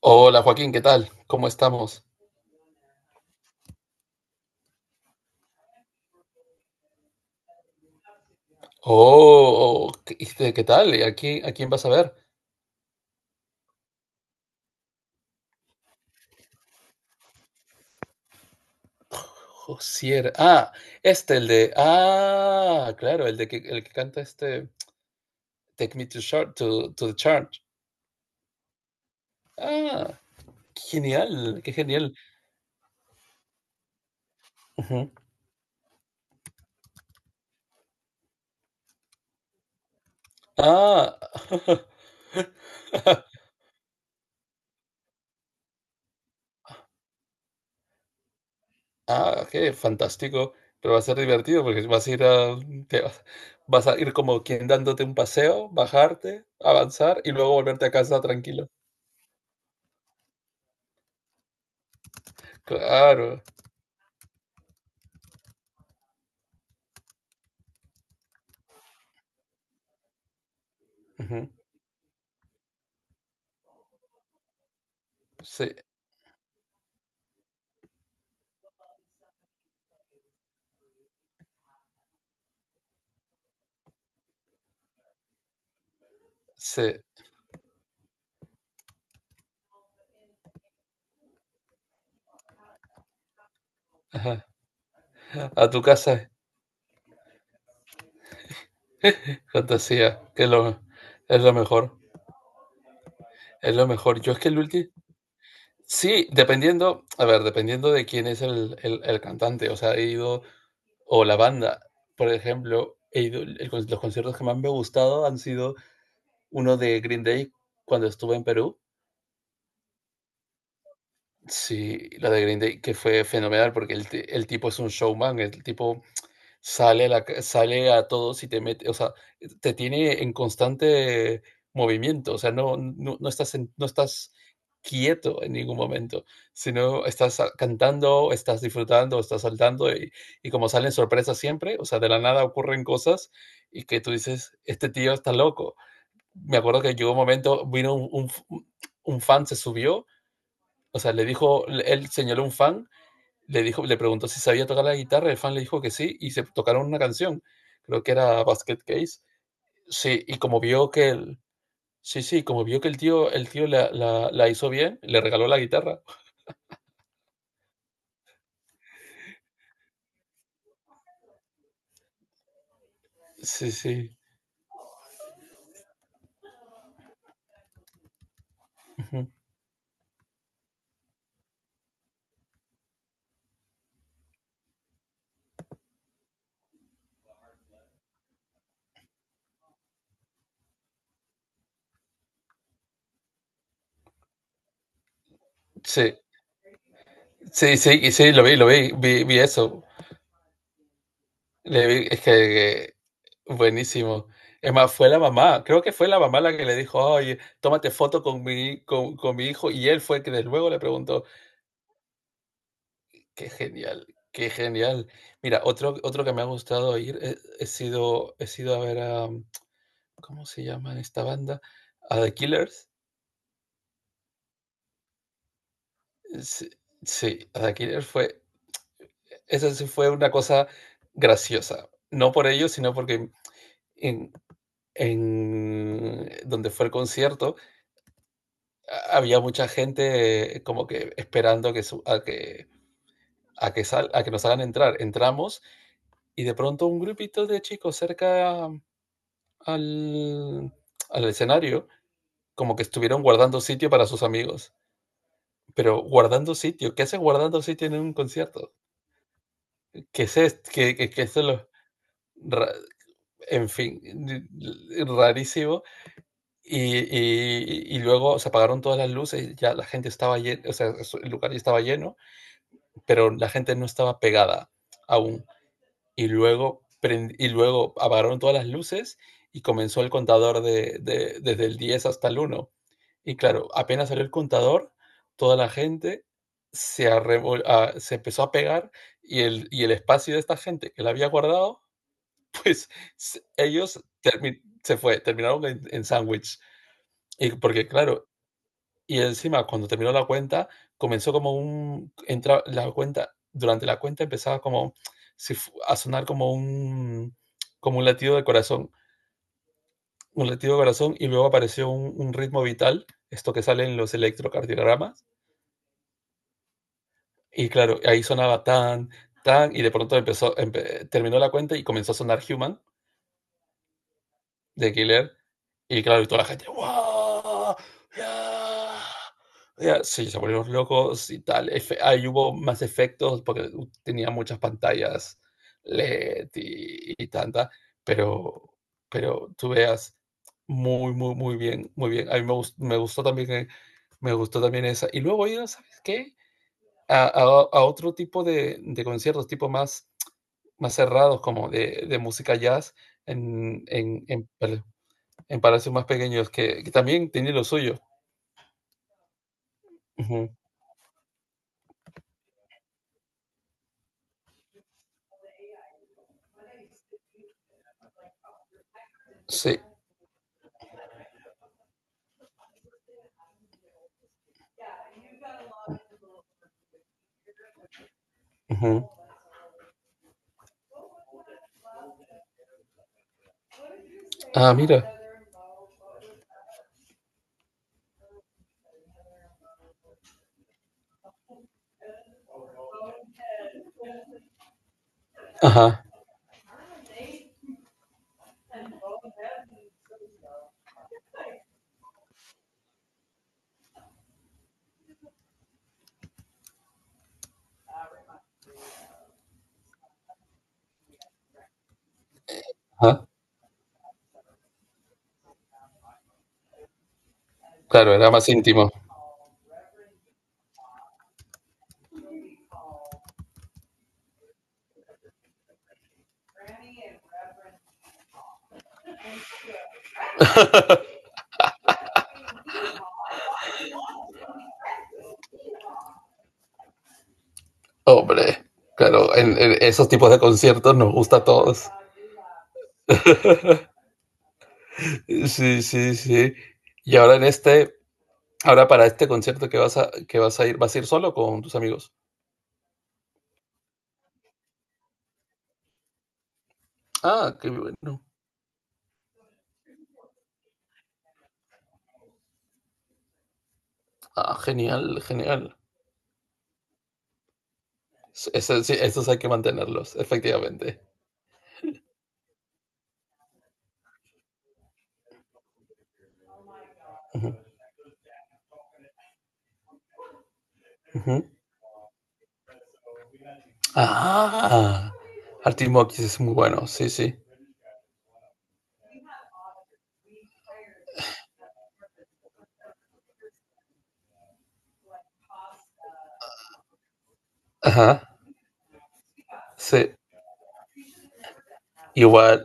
Hola Joaquín, ¿qué tal? ¿Cómo estamos? Oh, oh, ¿qué tal? ¿A quién vas a ver? Josier. Ah, el de. Ah, claro, el que canta Take Me to Short to the Church. Ah, qué genial, qué genial. Ujú. Ah, ah, qué fantástico. Pero va a ser divertido porque vas a ir a, te vas, vas a ir como quien dándote un paseo, bajarte, avanzar y luego volverte a casa tranquilo. Claro. Ujú. Sí. Sí, ajá. A tu casa es fantasía, que es lo mejor, es lo mejor. Yo es que el último, sí, a ver, dependiendo de quién es el cantante, o sea, he ido, o la banda, por ejemplo, he ido, los conciertos que más me han gustado han sido uno de Green Day cuando estuve en Perú. Sí, la de Green Day, que fue fenomenal porque el tipo es un showman, el tipo sale a todos y te mete, o sea, te tiene en constante movimiento, o sea, no estás quieto en ningún momento, sino estás cantando, estás disfrutando, estás saltando y como salen sorpresas siempre, o sea, de la nada ocurren cosas y que tú dices, este tío está loco. Me acuerdo que llegó un momento, vino un fan, se subió, o sea, le dijo, él señaló un fan le preguntó si sabía tocar la guitarra, el fan le dijo que sí, y se tocaron una canción, creo que era Basket Case. Sí, y como vio que el, sí, sí, como vio que el tío la hizo bien, le regaló la guitarra. Sí, sí. Ujú. Sí, sí, sí, y sí, lo vi eso. Es que buenísimo. Es más, fue la mamá, creo que fue la mamá la que le dijo, oye, tómate foto con mi, con mi hijo, y él fue el que de luego le preguntó. Qué genial, qué genial. Mira, otro que me ha gustado ir, he sido a ver a, ¿cómo se llama esta banda? A The Killers. Sí, sí, a The Killers fue, eso sí, fue una cosa graciosa. No por ellos, sino porque en en donde fue el concierto, ha había mucha gente como que esperando que su a que sal a que nos hagan entrar. Entramos y de pronto un grupito de chicos cerca al, al escenario como que estuvieron guardando sitio para sus amigos. Pero guardando sitio, ¿qué hace guardando sitio en un concierto? ¿Qué es esto? ¿Qué, qué, qué es lo... ra- En fin, rarísimo. Y luego se apagaron todas las luces, ya la gente estaba llena, o sea, el lugar ya estaba lleno, pero la gente no estaba pegada aún. Y luego apagaron todas las luces y comenzó el contador de desde el 10 hasta el uno. Y claro, apenas salió el contador, toda la gente se empezó a pegar y el espacio de esta gente que la había guardado, pues, se ellos termi se fue, terminaron en sándwich. Y porque claro, y encima, cuando terminó la cuenta, comenzó como un entra la cuenta durante la cuenta empezaba como si fu- a sonar como un latido de corazón, un latido de corazón, y luego apareció un ritmo vital, esto que sale en los electrocardiogramas. Y claro, ahí sonaba tan, y de pronto terminó la cuenta y comenzó a sonar Human de Killer. Y claro, y toda la gente, ¡guau! ¡Ya! Ya, sí, se volvieron locos y tal. Efe Ahí hubo más efectos porque u tenía muchas pantallas LED y tanta, pero pero tú veas muy, muy, muy bien, muy bien. A mí me gustó también esa. Y luego he ido, ¿sabes qué? A a a otro tipo de conciertos, tipo más cerrados, como de música jazz en en en en palacios más pequeños que también tiene lo suyo. Ujú. Sí. Ujú. Ah, mira. Ajá, ajá. Claro, era más íntimo. Hombre, claro, en esos tipos de conciertos nos gusta a todos. Sí, sí, sí. Y ahora para este concierto que vas a ir, ¿vas a ir solo o con tus amigos? Ah, qué bueno. Ah, genial, genial. S- sí, esos hay que mantenerlos, efectivamente. Ujú, ujú. Ah, Arctic Monkeys es muy bueno, sí, sí. Ajá, sí. Igual,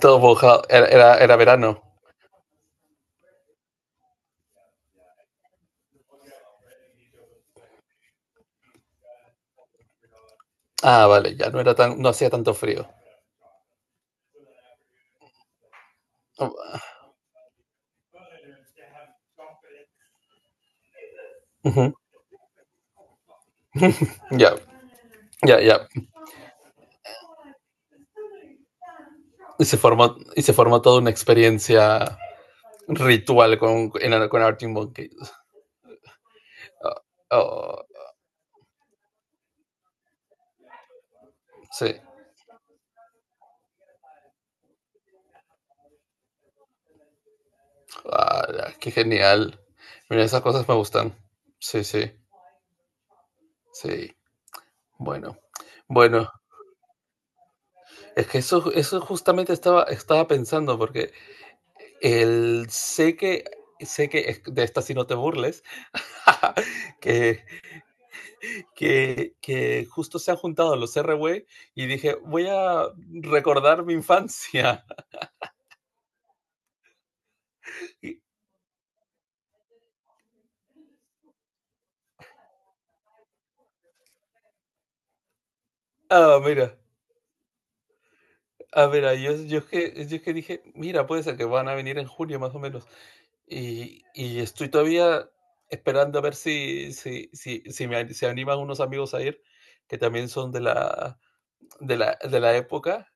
todo mojado. Era verano. Ah, vale, ya no era tan, no hacía tanto frío. Ah. Ujú. Ya, ya, ya. Y se formó toda una experiencia ritual con Arctic Monkeys. Ah, oh, sí. Ah, ya, qué genial. Mira, esas cosas me gustan. Sí, sí, sí. Bueno. Bueno, es que eso justamente estaba pensando, porque El sé que es de esta, si no te burles, que, que justo se han juntado los RW y dije, voy a recordar mi infancia. Y- ah, mira, a ver, ah, mira, yo es que dije, mira, puede ser que van a venir en junio más o menos. Y estoy todavía esperando a ver si, si, si, si me, an- se animan unos amigos a ir, que también son de la época.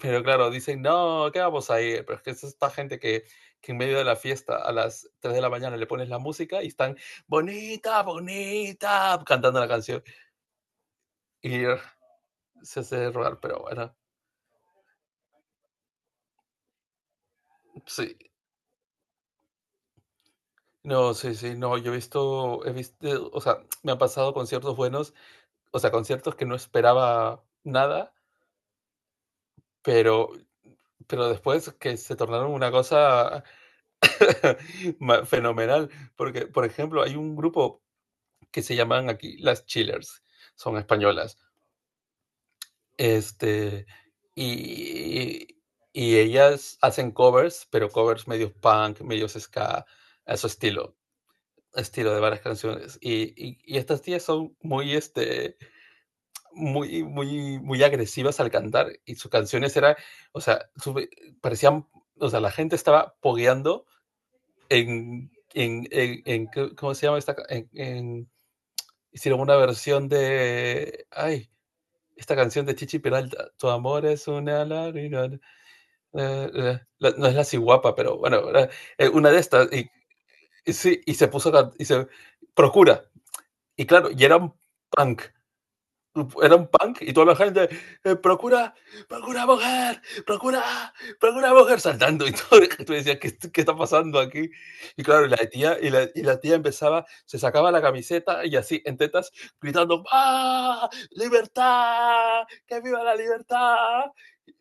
Pero claro, dicen, no, ¿qué vamos a ir? Pero es que es esta gente que en medio de la fiesta a las 3 de la mañana le pones la música y están, bonita, bonita, cantando la canción. Y se hace rogar, pero bueno, sí. No, sí, sí, no, yo he visto, o sea, me han pasado conciertos buenos, o sea, conciertos que no esperaba nada, pero, pero después que se tornaron una cosa fenomenal, porque, por ejemplo, hay un grupo que se llaman aquí las Chillers, son españolas. Este, y, y ellas hacen covers, pero covers medios punk, medios ska, a su estilo, estilo de varias canciones. Y estas tías son muy, muy, muy, muy agresivas al cantar y sus canciones eran, o sea, parecían, o sea, la gente estaba pogueando en, en, en, en- ¿cómo se llama esta? Hicieron una versión de, ay, esta canción de Chichi Peralta, Tu amor es una lágrima. eh, eh, no es la ciguapa, pero bueno, era, una de estas. Y sí, y se puso, y se procura. Y claro, y era un punk. Era un punk y toda la gente, eh, procura, procura, procura mujer, saltando y todo. Tú decías, ¿qué está pasando aquí? Y claro, y la tía empezaba, se sacaba la camiseta y así en tetas, gritando, ¡ah! ¡Libertad! ¡Que viva la libertad!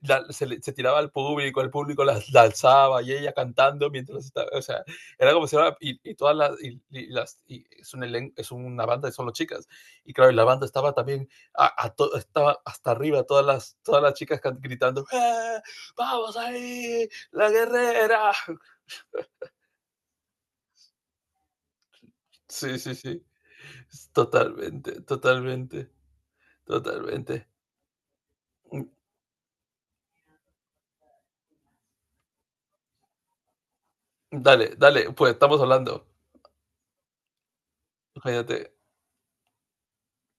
Se tiraba al público, el público la alzaba y ella cantando mientras estaba, o sea, era como si era, y todas las, y las, es una banda y son las chicas. Y claro, y la banda estaba también, estaba hasta arriba todas las chicas gritando, ¡eh, vamos ahí, la guerrera! Sí, sí, sí, totalmente, totalmente, totalmente. Mm. Dale, dale, pues estamos hablando. Cállate.